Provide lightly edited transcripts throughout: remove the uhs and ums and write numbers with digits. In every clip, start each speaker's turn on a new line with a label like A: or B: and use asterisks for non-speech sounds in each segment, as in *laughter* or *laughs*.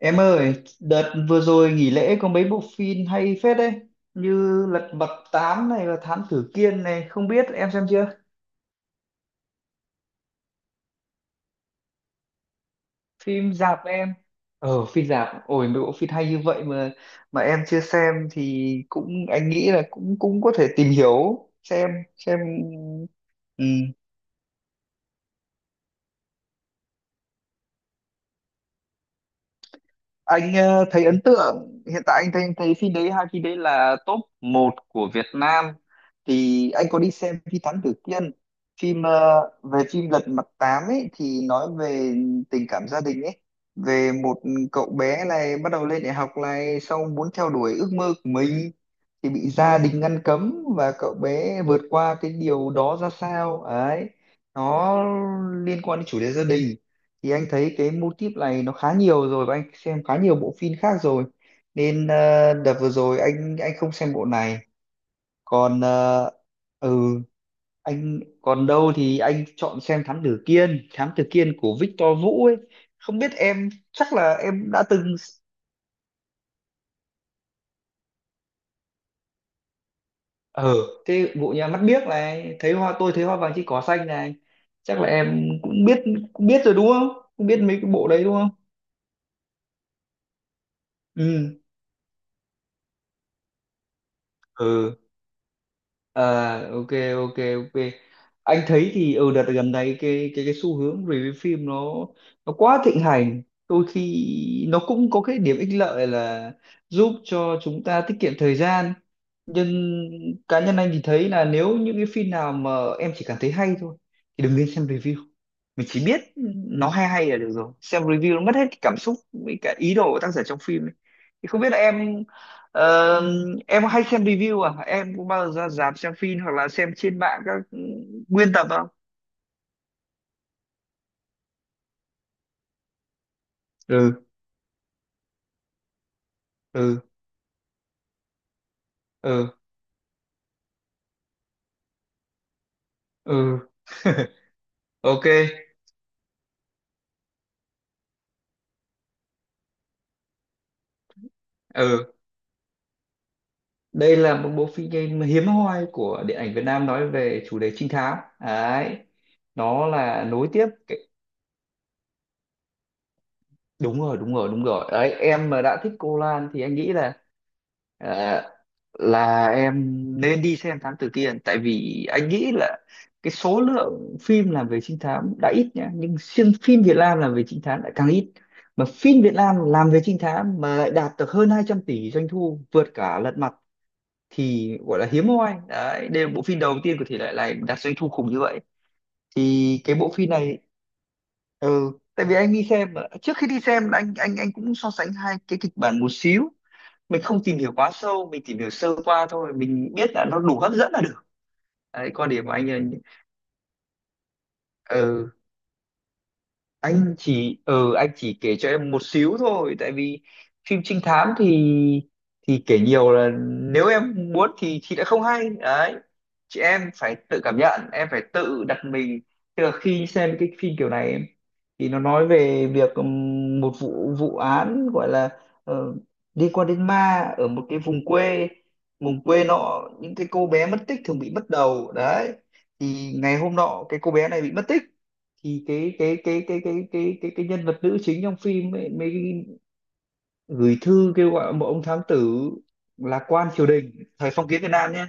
A: Em ơi, đợt vừa rồi nghỉ lễ có mấy bộ phim hay phết đấy, như Lật Mặt tám này và Thám Tử Kiên này, không biết em xem chưa? Phim rạp em. Ờ, phim rạp, ôi mấy bộ phim hay như vậy mà em chưa xem thì cũng anh nghĩ là cũng cũng có thể tìm hiểu xem ừ. Anh thấy ấn tượng, hiện tại anh thấy thấy phim đấy, hai phim đấy là top một của Việt Nam, thì anh có đi xem phim Thám Tử Kiên. Phim về phim Lật Mặt Tám ấy thì nói về tình cảm gia đình ấy, về một cậu bé này bắt đầu lên đại học này, xong muốn theo đuổi ước mơ của mình thì bị gia đình ngăn cấm, và cậu bé vượt qua cái điều đó ra sao ấy, nó liên quan đến chủ đề gia đình. Thì anh thấy cái mô típ này nó khá nhiều rồi, và anh xem khá nhiều bộ phim khác rồi, nên đợt vừa rồi anh không xem bộ này. Còn ừ, anh còn đâu thì anh chọn xem Thám Tử Kiên, Thám Tử Kiên của Victor Vũ ấy, không biết em, chắc là em đã từng ở cái bộ nhà mắt biếc này, thấy hoa, tôi thấy hoa vàng trên cỏ xanh này, chắc là em cũng biết, cũng biết rồi đúng không, cũng biết mấy cái bộ đấy đúng không. Ừ. Ừ. À, ok ok ok, anh thấy thì ở đợt gần đây cái cái xu hướng review phim nó quá thịnh hành. Đôi khi nó cũng có cái điểm ích lợi là giúp cho chúng ta tiết kiệm thời gian, nhưng cá nhân anh thì thấy là nếu những cái phim nào mà em chỉ cảm thấy hay thôi thì đừng nên xem review, mình chỉ biết nó hay hay là được rồi, xem review nó mất hết cái cảm xúc với cả ý đồ của tác giả trong phim ấy. Thì không biết là em, ờ, em có hay xem review à, em có bao giờ ra rạp xem phim hoặc là xem trên mạng các nguyên tập không. Ừ. Ừ. Ừ. Ừ. *laughs* Ok. Ừ, đây là một bộ phim game hiếm hoi của điện ảnh Việt Nam nói về chủ đề trinh thám đấy, nó là nối tiếp. Đúng rồi, đúng rồi, đúng rồi đấy, em mà đã thích cô Lan thì anh nghĩ là, ờ, là em nên đi xem Thám Tử Kiên, tại vì anh nghĩ là cái số lượng phim làm về trinh thám đã ít nhá, nhưng riêng phim Việt Nam làm về trinh thám lại càng ít, mà phim Việt Nam làm về trinh thám mà lại đạt được hơn 200 tỷ doanh thu, vượt cả Lật Mặt, thì gọi là hiếm hoi đấy, đây là bộ phim đầu tiên của thể loại này đạt doanh thu khủng như vậy. Thì cái bộ phim này, ừ, tại vì anh đi xem mà. Trước khi đi xem là anh cũng so sánh hai cái kịch bản một xíu, mình không tìm hiểu quá sâu, mình tìm hiểu sơ qua thôi, mình biết là nó đủ hấp dẫn là được. Đấy quan điểm của anh là, ừ, anh chỉ, ừ, anh chỉ kể cho em một xíu thôi, tại vì phim trinh thám thì kể nhiều là, nếu em muốn thì đã không hay đấy. Chị em phải tự cảm nhận, em phải tự đặt mình, tức là khi xem cái phim kiểu này ấy, thì nó nói về việc một vụ vụ án gọi là ờ, liên quan đến ma ở một cái vùng quê, vùng quê nọ những cái cô bé mất tích thường bị mất đầu đấy, thì ngày hôm nọ cái cô bé này bị mất tích, thì cái nhân vật nữ chính trong phim ấy, mới gửi thư kêu gọi một ông thám tử, là quan triều đình thời phong kiến Việt Nam nhé,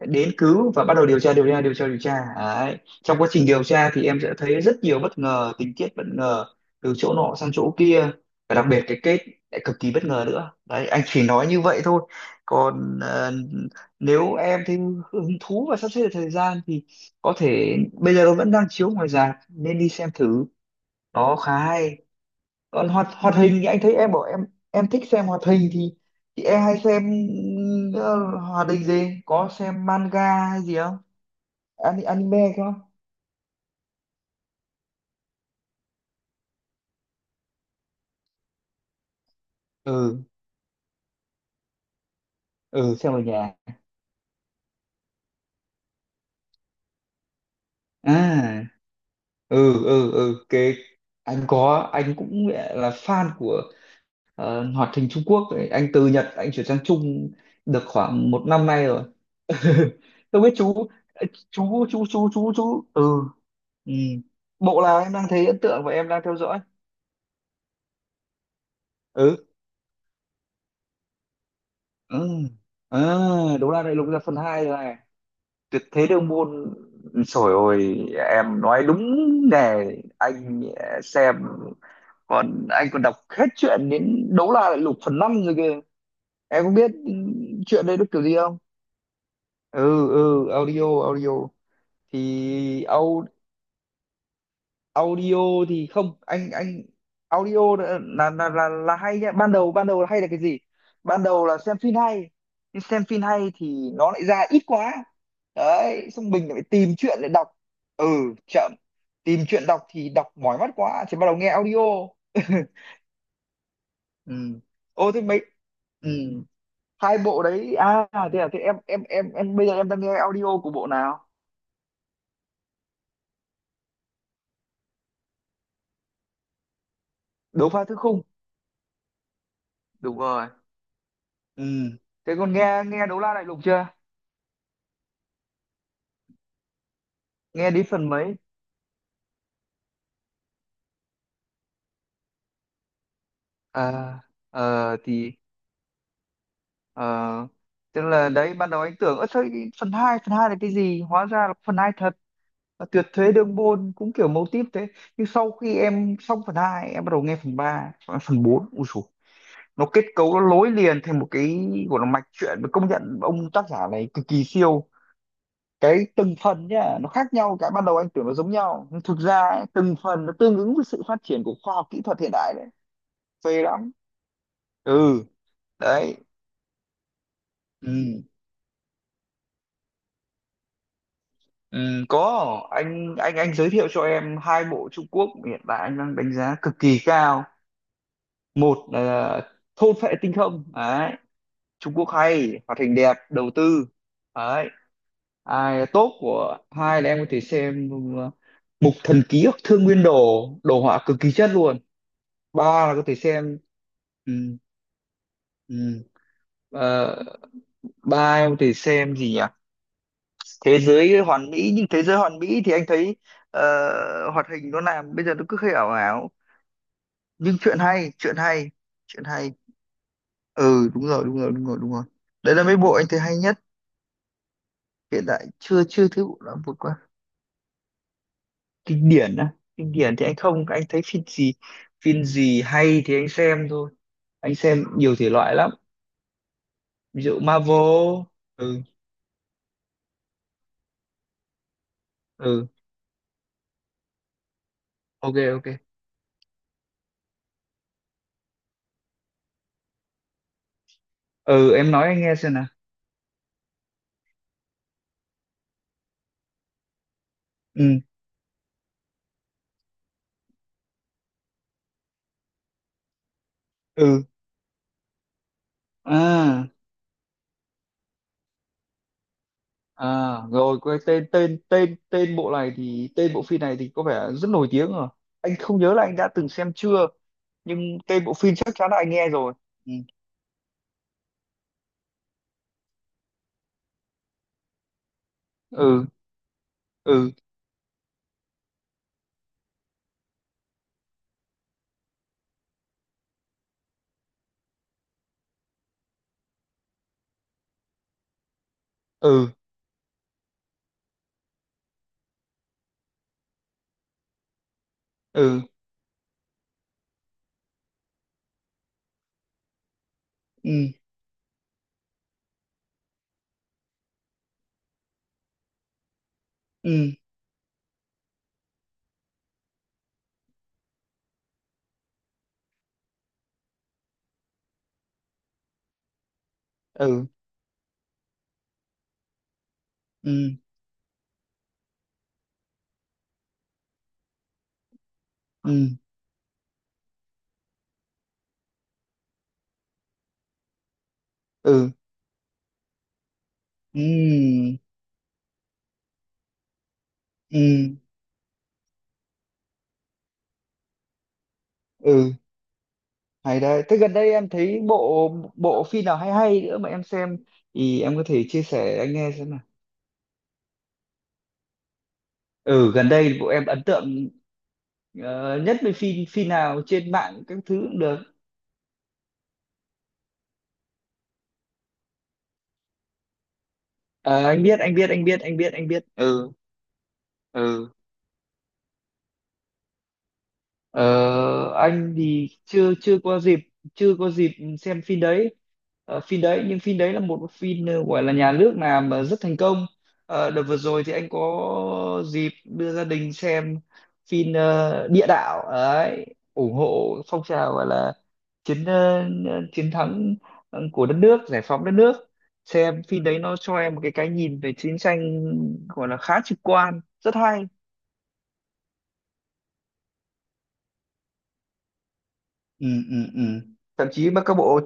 A: đến cứu và bắt đầu điều tra. Đấy. Trong quá trình điều tra thì em sẽ thấy rất nhiều bất ngờ, tình tiết bất ngờ từ chỗ nọ sang chỗ kia, và đặc biệt cái kết lại cực kỳ bất ngờ nữa đấy, anh chỉ nói như vậy thôi. Còn nếu em thấy hứng thú và sắp xếp được thời gian thì có thể, bây giờ nó vẫn đang chiếu ngoài rạp nên đi xem thử, đó khá hay. Còn hoạt hoạt hình thì anh thấy em bảo em thích xem hoạt hình thì em hay xem, hoạt hình gì, có xem manga hay gì không, Ani- anime không. Ừ. Ừ, xem ở nhà à. Ừ ừ ừ, cái anh có, anh cũng là fan của hoạt hình Trung Quốc ấy. Anh từ Nhật anh chuyển sang Trung được khoảng một năm nay rồi. *laughs* Tôi biết chú, chú, ừ. Ừ. Bộ nào em đang thấy ấn tượng và em đang theo dõi. Ừ. Ừ. À, đấu la đại lục ra phần 2 rồi này, tuyệt thế đường môn, trời ơi em nói đúng nè. Anh, à, xem, còn anh còn đọc hết chuyện đến đấu la đại lục phần 5 rồi kìa, em có biết chuyện đây nó kiểu gì không. Ừ ừ, audio audio, thì audio audio thì không, anh audio là là hay nhá, ban đầu, ban đầu là hay là cái gì, ban đầu là xem phim hay, nhưng xem phim hay thì nó lại ra ít quá đấy, xong mình lại tìm chuyện để đọc. Ừ, chậm, tìm chuyện đọc thì đọc mỏi mắt quá thì bắt đầu nghe audio. *laughs* Ừ. Ô thế mấy, ừ, hai bộ đấy à, thế à, thế em bây giờ em đang nghe audio của bộ nào. Đấu pha thứ khung, đúng rồi. Ừ, thế còn nghe, nghe đấu la đại lục chưa, nghe đến phần mấy. À, thì, ờ, tức là đấy ban đầu anh tưởng ớt sao cái phần hai, phần 2 là cái gì, hóa ra là phần 2 thật, và tuyệt thế đương môn cũng kiểu mâu típ thế, nhưng sau khi em xong phần hai, em bắt đầu nghe phần 3, phần bốn, ui dồi, nó kết cấu nó nối liền thành một cái gọi là mạch truyện, và công nhận ông tác giả này cực kỳ siêu, cái từng phần nhá nó khác nhau. Cái ban đầu anh tưởng nó giống nhau nhưng thực ra ấy, từng phần nó tương ứng với sự phát triển của khoa học kỹ thuật hiện đại đấy, phê lắm. Ừ. Đấy. Ừ. Ừ, có, anh giới thiệu cho em hai bộ Trung Quốc hiện tại anh đang đánh giá cực kỳ cao. Một là thôn phệ tinh không đấy, Trung Quốc hay, hoạt hình đẹp, đầu tư. Đấy ai tốt của, hai là em có thể xem uh, Mục Thần Ký hoặc Thương Nguyên Đồ, đồ họa cực kỳ chất luôn. Ba là có thể xem, ừ, ừ, ờ, ba em có thể xem gì nhỉ, Thế giới hoàn mỹ, nhưng thế giới hoàn mỹ thì anh thấy ờ, hoạt hình nó làm bây giờ nó cứ hơi ảo ảo, nhưng chuyện hay, chuyện hay, chuyện hay. Ừ, đúng rồi đúng rồi đúng rồi đúng rồi, đấy là mấy bộ anh thấy hay nhất hiện tại, chưa chưa thấy bộ nào vượt qua. Kinh điển á, kinh điển thì anh không, anh thấy phim gì, phim gì hay thì anh xem thôi, anh xem nhiều thể loại lắm, ví dụ Marvel. Ừ. Ừ, ok ok. Ừ, em nói anh nghe xem nào. Ừ. Ừ. À. À rồi, quên tên, tên bộ này, thì tên bộ phim này thì có vẻ rất nổi tiếng rồi, anh không nhớ là anh đã từng xem chưa, nhưng tên bộ phim chắc chắn là anh nghe rồi. Ừ. Ừ. Ừ. Ừ. Ừ. Ừ. Ừ. Ừ. Ừ. Ừ. Ừ. Ừ. Ừ. Ừ. Hay đấy, thế gần đây em thấy bộ, bộ phim nào hay hay nữa mà em xem thì em có thể chia sẻ anh nghe xem nào. Ừ, gần đây bộ em ấn tượng nhất với phim, phim nào trên mạng các thứ cũng được. Ờ, anh biết, anh biết anh biết anh biết anh biết, ừ. Ừ. Ờ, anh thì chưa chưa có dịp, chưa có dịp xem phim đấy. Ờ, phim đấy, nhưng phim đấy là một phim gọi là nhà nước làm mà rất thành công. Ờ, đợt vừa rồi thì anh có dịp đưa gia đình xem phim, Địa Đạo ấy, ủng hộ phong trào gọi là chiến, ờ, chiến thắng của đất nước, giải phóng đất nước. Xem phim đấy nó cho em một cái nhìn về chiến tranh gọi là khá trực quan, rất hay. Ừ ừ ừ, thậm chí mà các bộ,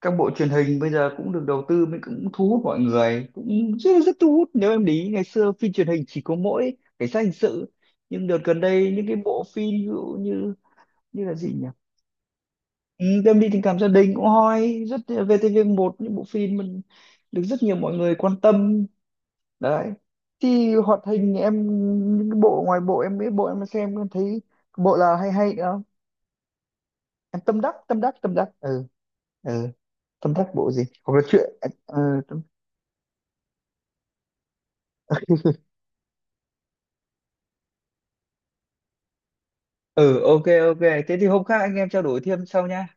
A: các bộ truyền hình bây giờ cũng được đầu tư mới, cũng thu hút mọi người, cũng rất rất thu hút, nếu em để ý ngày xưa phim truyền hình chỉ có mỗi cảnh sát hình sự, nhưng đợt gần đây những cái bộ phim ví dụ như, như là gì nhỉ, ừ, đêm đi tình cảm gia đình cũng hoi rất, VTV1 những bộ phim mình được rất nhiều mọi người quan tâm. Đấy, thì hoạt hình em, những cái bộ ngoài bộ em, mấy bộ em xem em thấy bộ là hay hay nữa, em tâm đắc tâm đắc, ừ. Ừ. Tâm đắc bộ gì hoặc là chuyện tâm... Ừ, ok ok, thế thì hôm khác anh em trao đổi thêm sau nhá.